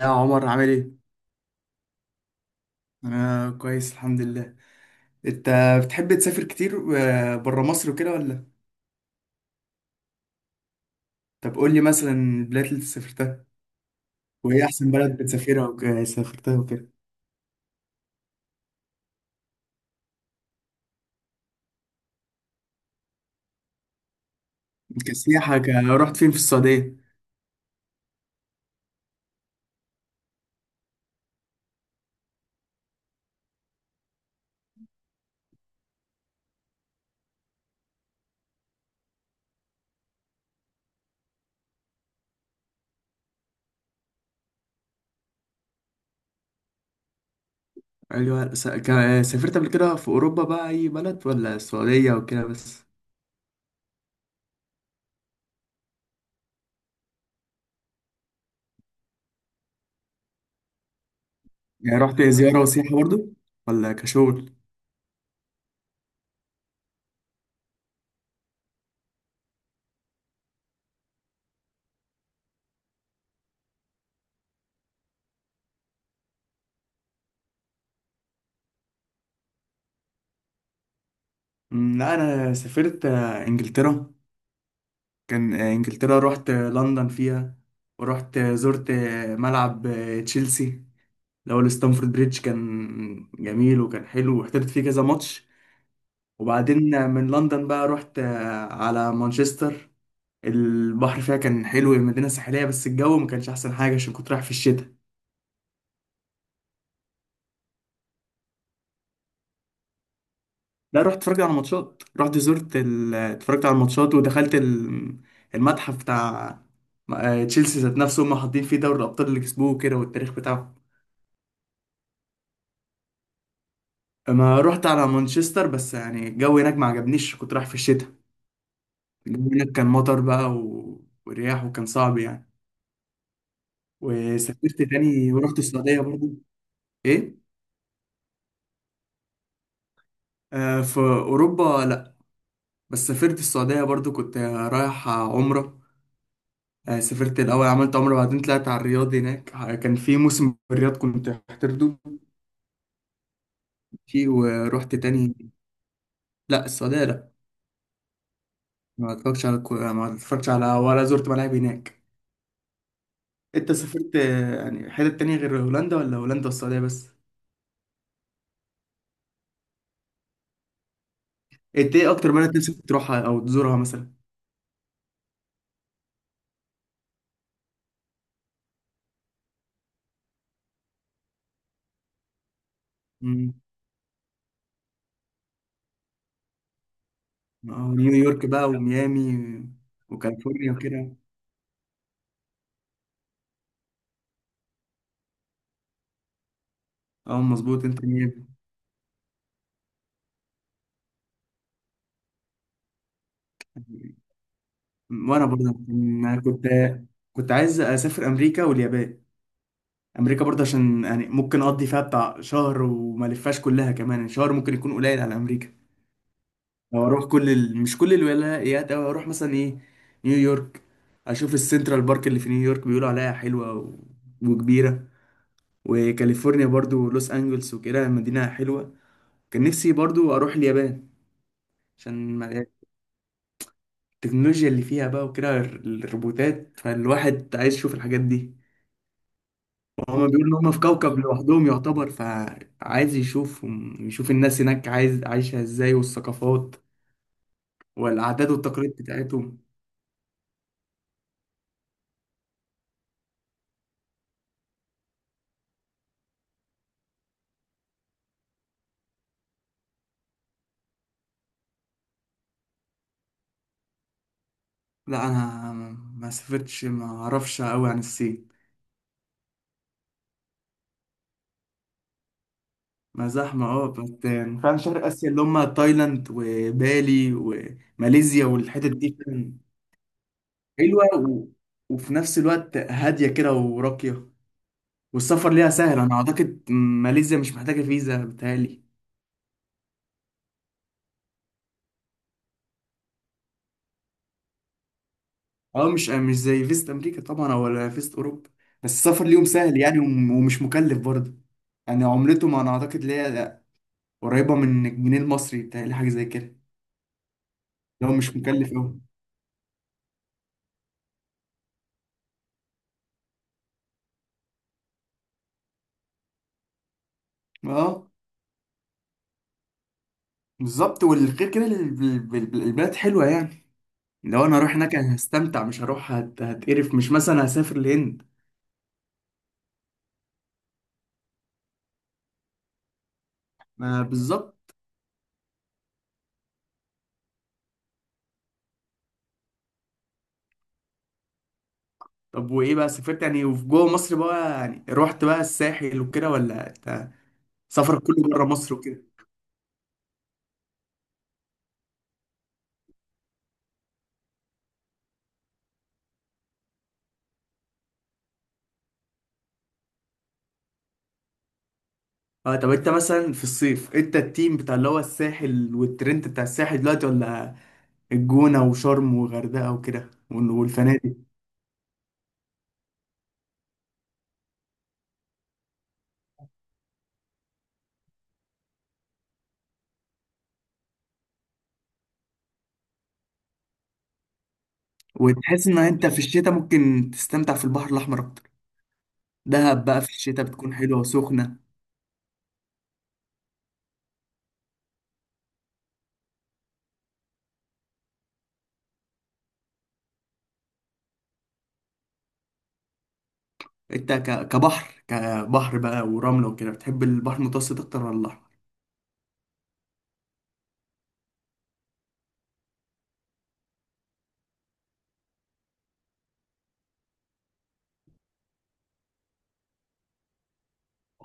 يا عمر عامل ايه؟ انا كويس الحمد لله. انت بتحب تسافر كتير بره مصر وكده ولا؟ طب قول لي مثلا البلاد اللي سافرتها، وايه احسن بلد بتسافرها وسافرتها وكده. رحت فين في السعودية؟ ايوه. سافرت قبل كده في اوروبا بقى اي بلد ولا السعودية وكده بس؟ يعني رحت زيارة وسياحة برضو ولا كشغل؟ لا، انا سافرت انجلترا. كان انجلترا، رحت لندن فيها، ورحت زرت ملعب تشيلسي الأول ستانفورد بريدج. كان جميل وكان حلو، واحترت فيه كذا ماتش. وبعدين من لندن بقى رحت على مانشستر. البحر فيها كان حلو، المدينة ساحلية، بس الجو ما كانش أحسن حاجة عشان كنت رايح في الشتاء. لا، رحت اتفرجت على ماتشات، رحت اتفرجت على الماتشات، ودخلت المتحف بتاع تشيلسي ذات نفسه. هم حاطين فيه دوري الأبطال اللي كسبوه كده والتاريخ بتاعه. ما رحت على مانشستر بس يعني الجو هناك ما عجبنيش، كنت رايح في الشتاء. هناك كان مطر بقى ورياح وكان صعب يعني. وسافرت تاني ورحت السعودية برضو. ايه، آه، في أوروبا لأ، بس سافرت السعودية برضو كنت رايح عمرة. آه سافرت الأول، عملت عمرة بعدين طلعت على الرياض. هناك كان في موسم في الرياض كنت محترده فيه، ورحت تاني. لأ السعودية لأ، ما اتفرجتش على ولا زرت ملاعب هناك. انت سافرت يعني حتت تانية غير هولندا ولا هولندا والسعودية بس؟ انت ايه أكتر بلد نفسك تروحها أو تزورها مثلا؟ نيويورك بقى وميامي وكاليفورنيا وكده. اه مظبوط، انت ميامي. وانا برضه كنت عايز اسافر امريكا واليابان. امريكا برضه عشان يعني ممكن اقضي فيها بتاع شهر وما لفاش كلها، كمان يعني شهر ممكن يكون قليل على امريكا. لو اروح مش كل الولايات، او اروح مثلا ايه، نيويورك، اشوف السنترال بارك اللي في نيويورك بيقولوا عليها حلوه وكبيره. وكاليفورنيا برضو، لوس انجلس وكده مدينه حلوه. كان نفسي برضو اروح اليابان عشان التكنولوجيا اللي فيها بقى وكده الروبوتات، فالواحد عايز يشوف الحاجات دي. وهما بيقولوا ان هما في كوكب لوحدهم يعتبر، فعايز يشوفهم، يشوف الناس هناك عايز عايشة ازاي والثقافات والعادات والتقاليد بتاعتهم. لا انا ما سافرتش ما اعرفش قوي عن الصين. ما زحمة اه بس. فعلا شرق اسيا اللي هما تايلاند وبالي وماليزيا والحتت دي فعلا حلوة وفي نفس الوقت هادية كده وراقية. والسفر ليها سهل، انا اعتقد ماليزيا مش محتاجه فيزا بتهيألي. اه مش مش زي فيزة امريكا طبعا ولا فيزة اوروبا. بس السفر ليهم سهل يعني ومش مكلف برضه. يعني عملتهم انا اعتقد اللي هي قريبه من الجنيه المصري بتهيألي حاجه زي كده، لو مش مكلف قوي. اه بالظبط. والغير كده البلد حلوه يعني. لو انا هروح هناك أنا هستمتع مش هروح هتقرف، مش مثلا هسافر الهند. ما بالظبط. طب وايه بقى سافرت يعني، وفي جوه مصر بقى يعني رحت بقى الساحل وكده، ولا سفرك كله بره مصر وكده؟ اه طب انت مثلا في الصيف انت التيم بتاع اللي هو الساحل والترند بتاع الساحل دلوقتي، ولا الجونة وشرم وغردقة وكده والفنادق؟ وتحس ان انت في الشتاء ممكن تستمتع في البحر الاحمر اكتر، دهب بقى في الشتاء بتكون حلوة وسخنة. انت كبحر بقى ورملة وكده، بتحب البحر المتوسط اكتر ولا الاحمر؟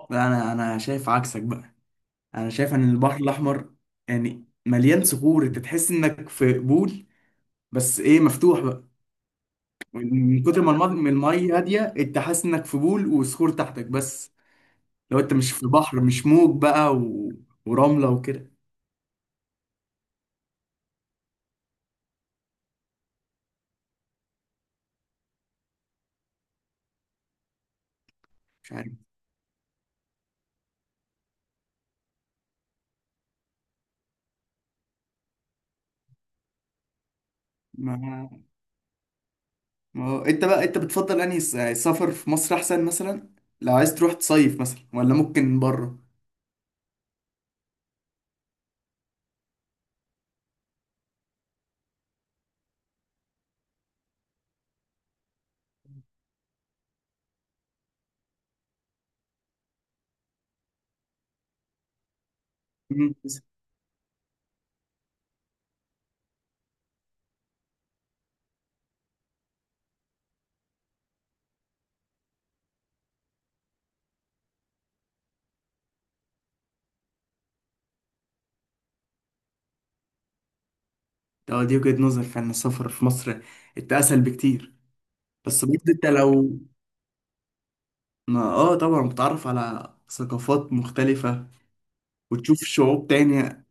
لا انا شايف عكسك بقى. انا شايف ان البحر الاحمر يعني مليان صخور، انت تحس انك في بول، بس ايه، مفتوح بقى. من كتر ما المض- ما المية هادية انت حاسس انك في بول وصخور تحتك بس. لو انت مش في بحر، مش موج بقى ورملة وكده. مش عارف. ما... ما... انت بقى انت بتفضل انهي السفر في مصر احسن مثلا، لو عايز تروح تصيف مثلا ولا ممكن بره؟ مم. ده دي وجهة نظر، فعلا السفر في مصر انت اسهل بكتير. بس برضه انت لو ما، اه طبعا بتتعرف على ثقافات مختلفة وتشوف شعوب تانية.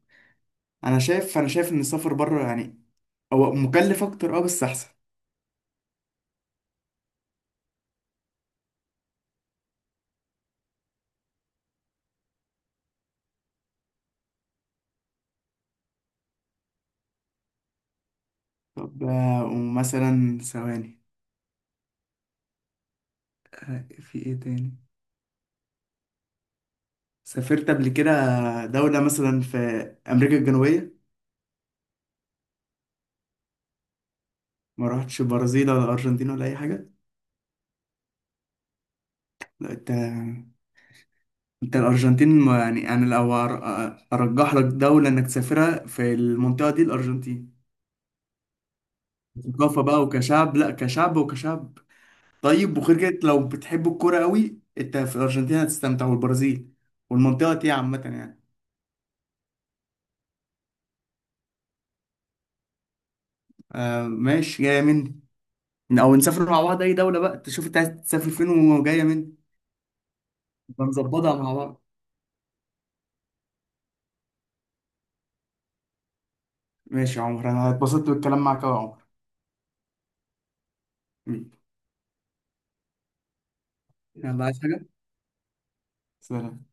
انا شايف، انا شايف ان السفر بره يعني هو مكلف اكتر اه بس احسن. طب ومثلا ثواني، في ايه تاني سافرت قبل كده دولة مثلا في امريكا الجنوبية؟ ما رحتش برازيل ولا ارجنتين ولا اي حاجة؟ لا انت، انت الارجنتين، يعني انا لو ارجح لك دولة انك تسافرها في المنطقة دي، الارجنتين، ثقافة بقى وكشعب، لا كشعب وكشعب. طيب وغير كده لو بتحب الكوره قوي، انت في الارجنتين هتستمتع والبرازيل والمنطقه دي عامه يعني. آه ماشي، جايه مني. او نسافر مع بعض اي دوله بقى، تشوف انت عايز تسافر فين وجايه مني. نبقى نظبطها مع بعض. ماشي يا عمر، انا اتبسطت بالكلام معاك أوي يا عمر. يلا، عايز حاجه؟ سلام.